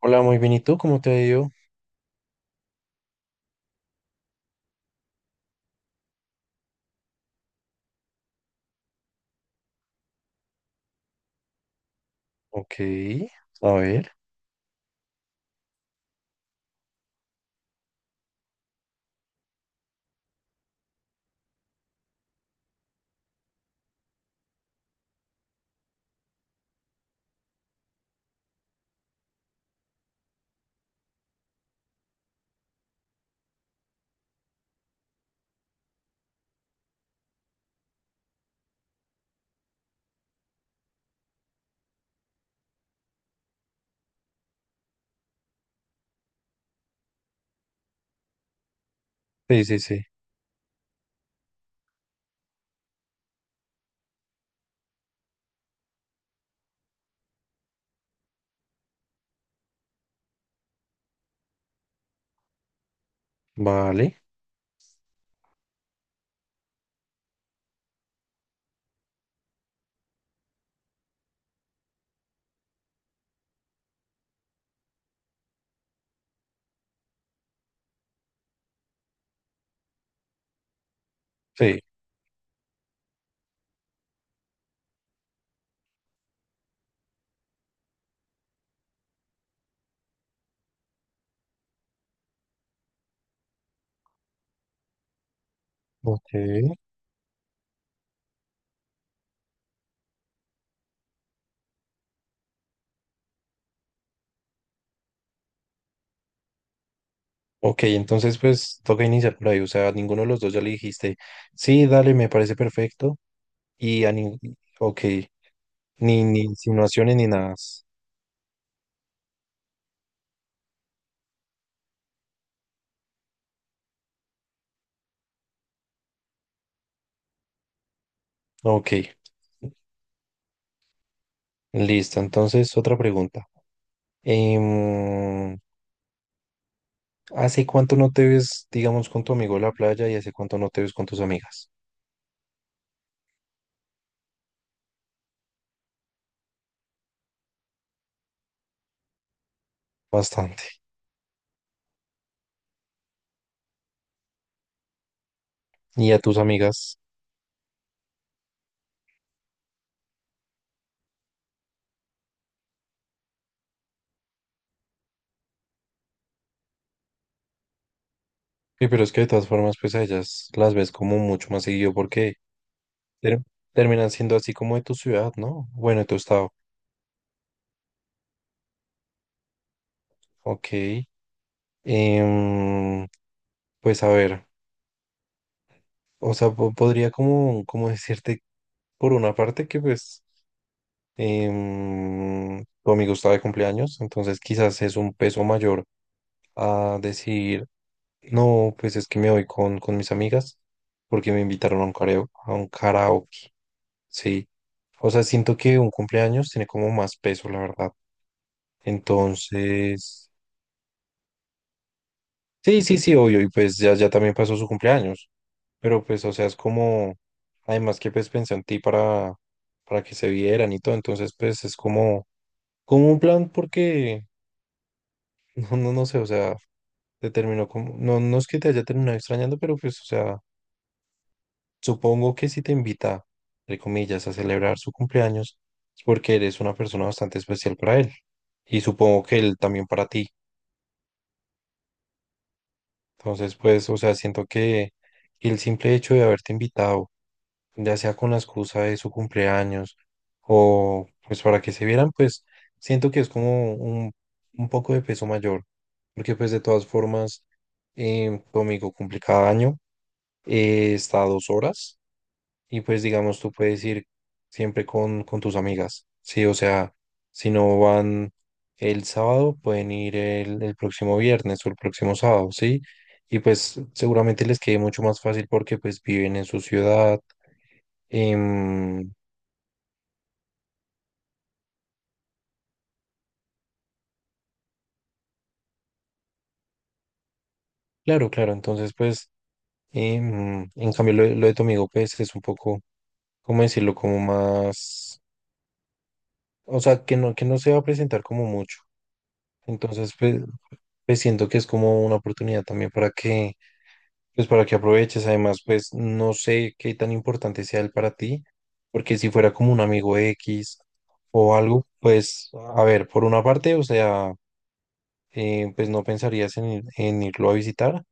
Hola, muy bien. ¿Y tú? ¿Cómo te ha ido? Ok. A ver. Sí, sí, sí. Vale. Sí. Ok. Ok, entonces pues toca iniciar por ahí. O sea, a ninguno de los dos ya le dijiste, sí, dale, me parece perfecto. Y a ni... Ok. Ni, ni insinuaciones ni nada. Ok. Listo. Entonces, otra pregunta. Em, ¿Hace cuánto no te ves, digamos, con tu amigo en la playa y hace cuánto no te ves con tus amigas? Bastante. ¿Y a tus amigas? Sí, pero es que de todas formas, pues a ellas las ves como mucho más seguido porque ter- terminan siendo así como de tu ciudad, ¿no? Bueno, de tu estado. Ok. Em, pues a ver, o sea, podría como, como decirte por una parte que pues tu amigo está de cumpleaños, entonces quizás es un peso mayor a decir, no, pues es que me voy con mis amigas porque me invitaron a un karaoke, a un karaoke. Sí, o sea, siento que un cumpleaños tiene como más peso, la verdad. Entonces, sí, sí, sí, obvio, y pues ya, ya también pasó su cumpleaños, pero pues, o sea, es como, además que pues pensé en ti para que se vieran y todo, entonces pues es como, como un plan porque, no, no, no sé, o sea, te terminó como, no, no es que te haya terminado extrañando, pero pues, o sea, supongo que si te invita, entre comillas, a celebrar su cumpleaños, es porque eres una persona bastante especial para él. Y supongo que él también para ti. Entonces, pues, o sea, siento que el simple hecho de haberte invitado, ya sea con la excusa de su cumpleaños o pues para que se vieran, pues siento que es como un poco de peso mayor. Porque pues de todas formas, tu amigo cumple cada año, está a 2 horas. Y pues digamos, tú puedes ir siempre con tus amigas, ¿sí? O sea, si no van el sábado, pueden ir el próximo viernes o el próximo sábado, ¿sí? Y pues seguramente les quede mucho más fácil porque pues viven en su ciudad. em, claro, claro, entonces pues, en cambio lo de tu amigo pues es un poco, ¿cómo decirlo? Como más, o sea, que no se va a presentar como mucho. Entonces pues, pues siento que es como una oportunidad también para que pues para que aproveches, además, pues no sé qué tan importante sea él para ti, porque si fuera como un amigo X o algo, pues a ver, por una parte, o sea, pues no pensarías en, en irlo a visitar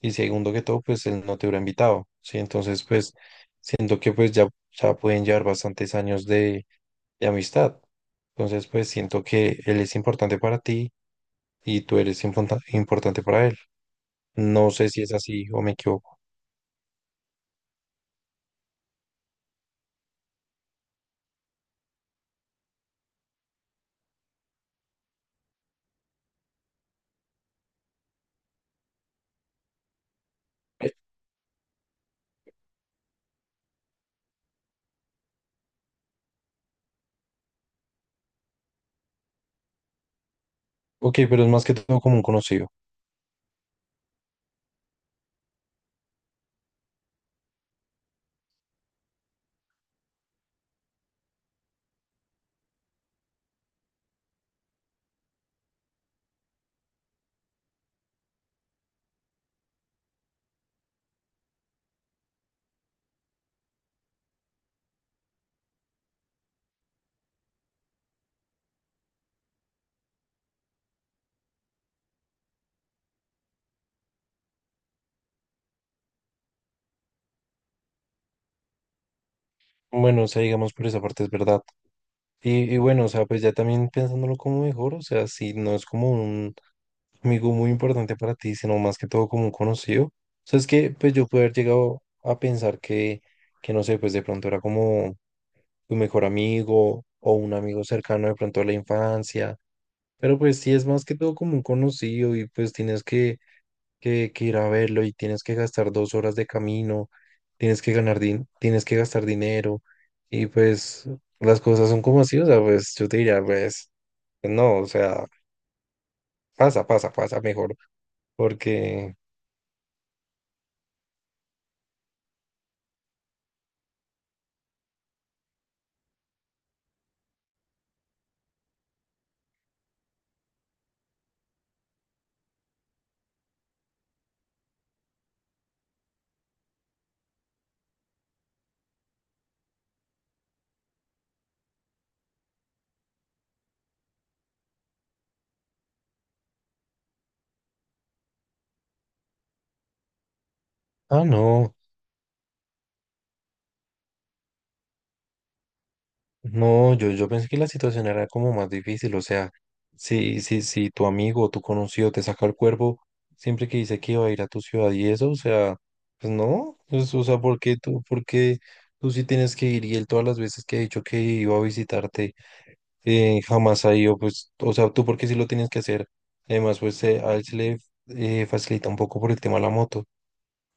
y segundo que todo, pues él no te hubiera invitado, ¿sí? Entonces, pues siento que pues ya, ya pueden llevar bastantes años de amistad. Entonces, pues siento que él es importante para ti y tú eres importante para él. No sé si es así o me equivoco. Ok, pero es más que todo como un conocido. Bueno, o sea, digamos por esa parte es verdad. Y bueno, o sea, pues ya también pensándolo como mejor, o sea, si no es como un amigo muy importante para ti, sino más que todo como un conocido. O sea, es que pues yo pude haber llegado a pensar que no sé, pues de pronto era como tu mejor amigo o un amigo cercano de pronto a la infancia. Pero pues sí es más que todo como un conocido y pues tienes que ir a verlo y tienes que gastar 2 horas de camino, tienes que tienes que gastar dinero y pues las cosas son como así, o sea, pues yo te diría, pues no, o sea, pasa, pasa, pasa mejor, porque, ah, no. No, yo pensé que la situación era como más difícil, o sea, si, si, si tu amigo o tu conocido te saca el cuerpo siempre que dice que iba a ir a tu ciudad y eso, o sea, pues no, pues, o sea, por qué tú sí tienes que ir y él todas las veces que ha dicho que iba a visitarte jamás ha ido, pues, o sea, tú por qué sí lo tienes que hacer, además, pues a él se le facilita un poco por el tema de la moto,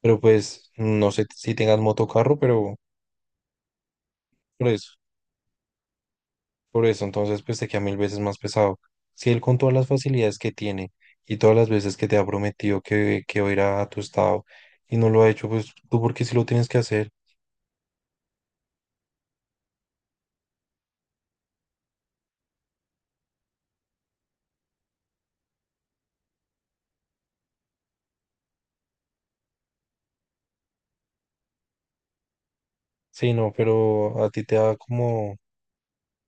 pero pues no sé si tengas moto o carro, pero por eso. Por eso, entonces, pues te queda mil veces más pesado. Si él con todas las facilidades que tiene y todas las veces que te ha prometido que va a ir a tu estado y no lo ha hecho, pues tú porque sí lo tienes que hacer. Sí, no, pero a ti te da como,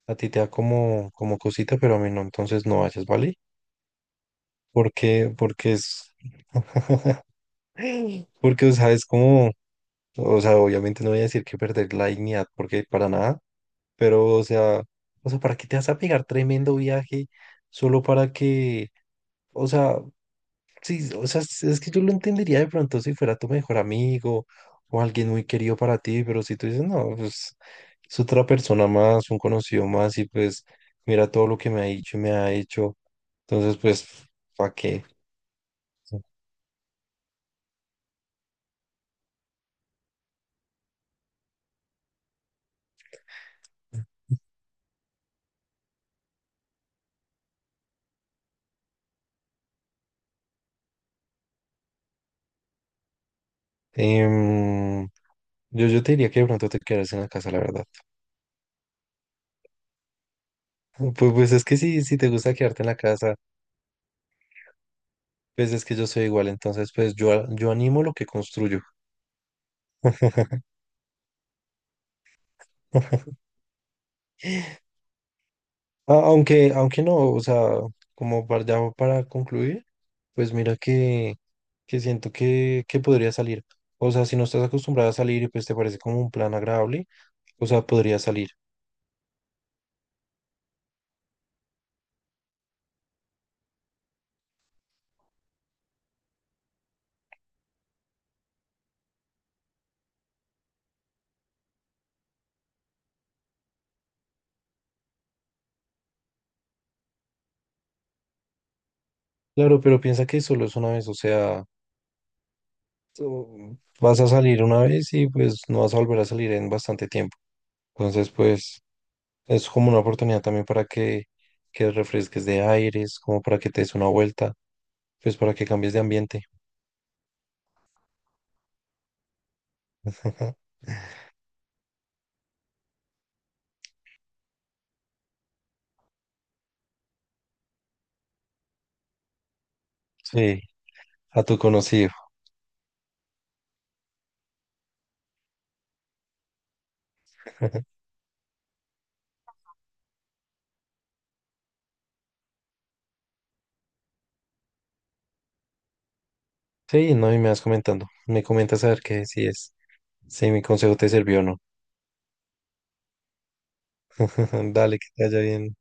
a ti te da como, como cosita, pero a mí no, entonces no vayas, ¿vale? Porque, porque es, porque, o sea, es como, o sea, obviamente no voy a decir que perder la dignidad, porque para nada, pero, o sea, ¿para qué te vas a pegar tremendo viaje solo para que o sea, sí, o sea, es que yo lo entendería de pronto si fuera tu mejor amigo o alguien muy querido para ti, pero si tú dices, no, pues es otra persona más, un conocido más y pues mira todo lo que me ha dicho y me ha hecho, entonces pues, ¿para qué? Em, yo, yo te diría que de pronto te quedas en la casa, la verdad. Pues, pues es que sí, si te gusta quedarte en la casa, pues es que yo soy igual, entonces pues yo animo lo que construyo. Aunque, aunque no, o sea, como ya para concluir, pues mira que siento que podría salir. O sea, si no estás acostumbrada a salir y pues te parece como un plan agradable, o sea, podría salir. Claro, pero piensa que solo es una vez, o sea, tú vas a salir una vez y pues no vas a volver a salir en bastante tiempo. Entonces, pues es como una oportunidad también para que refresques de aires, como para que te des una vuelta, pues para que cambies de ambiente. Sí, a tu conocido. Sí, no, y me vas comentando. Me comentas a ver qué si es, si mi consejo te sirvió o no. Dale, que te vaya bien.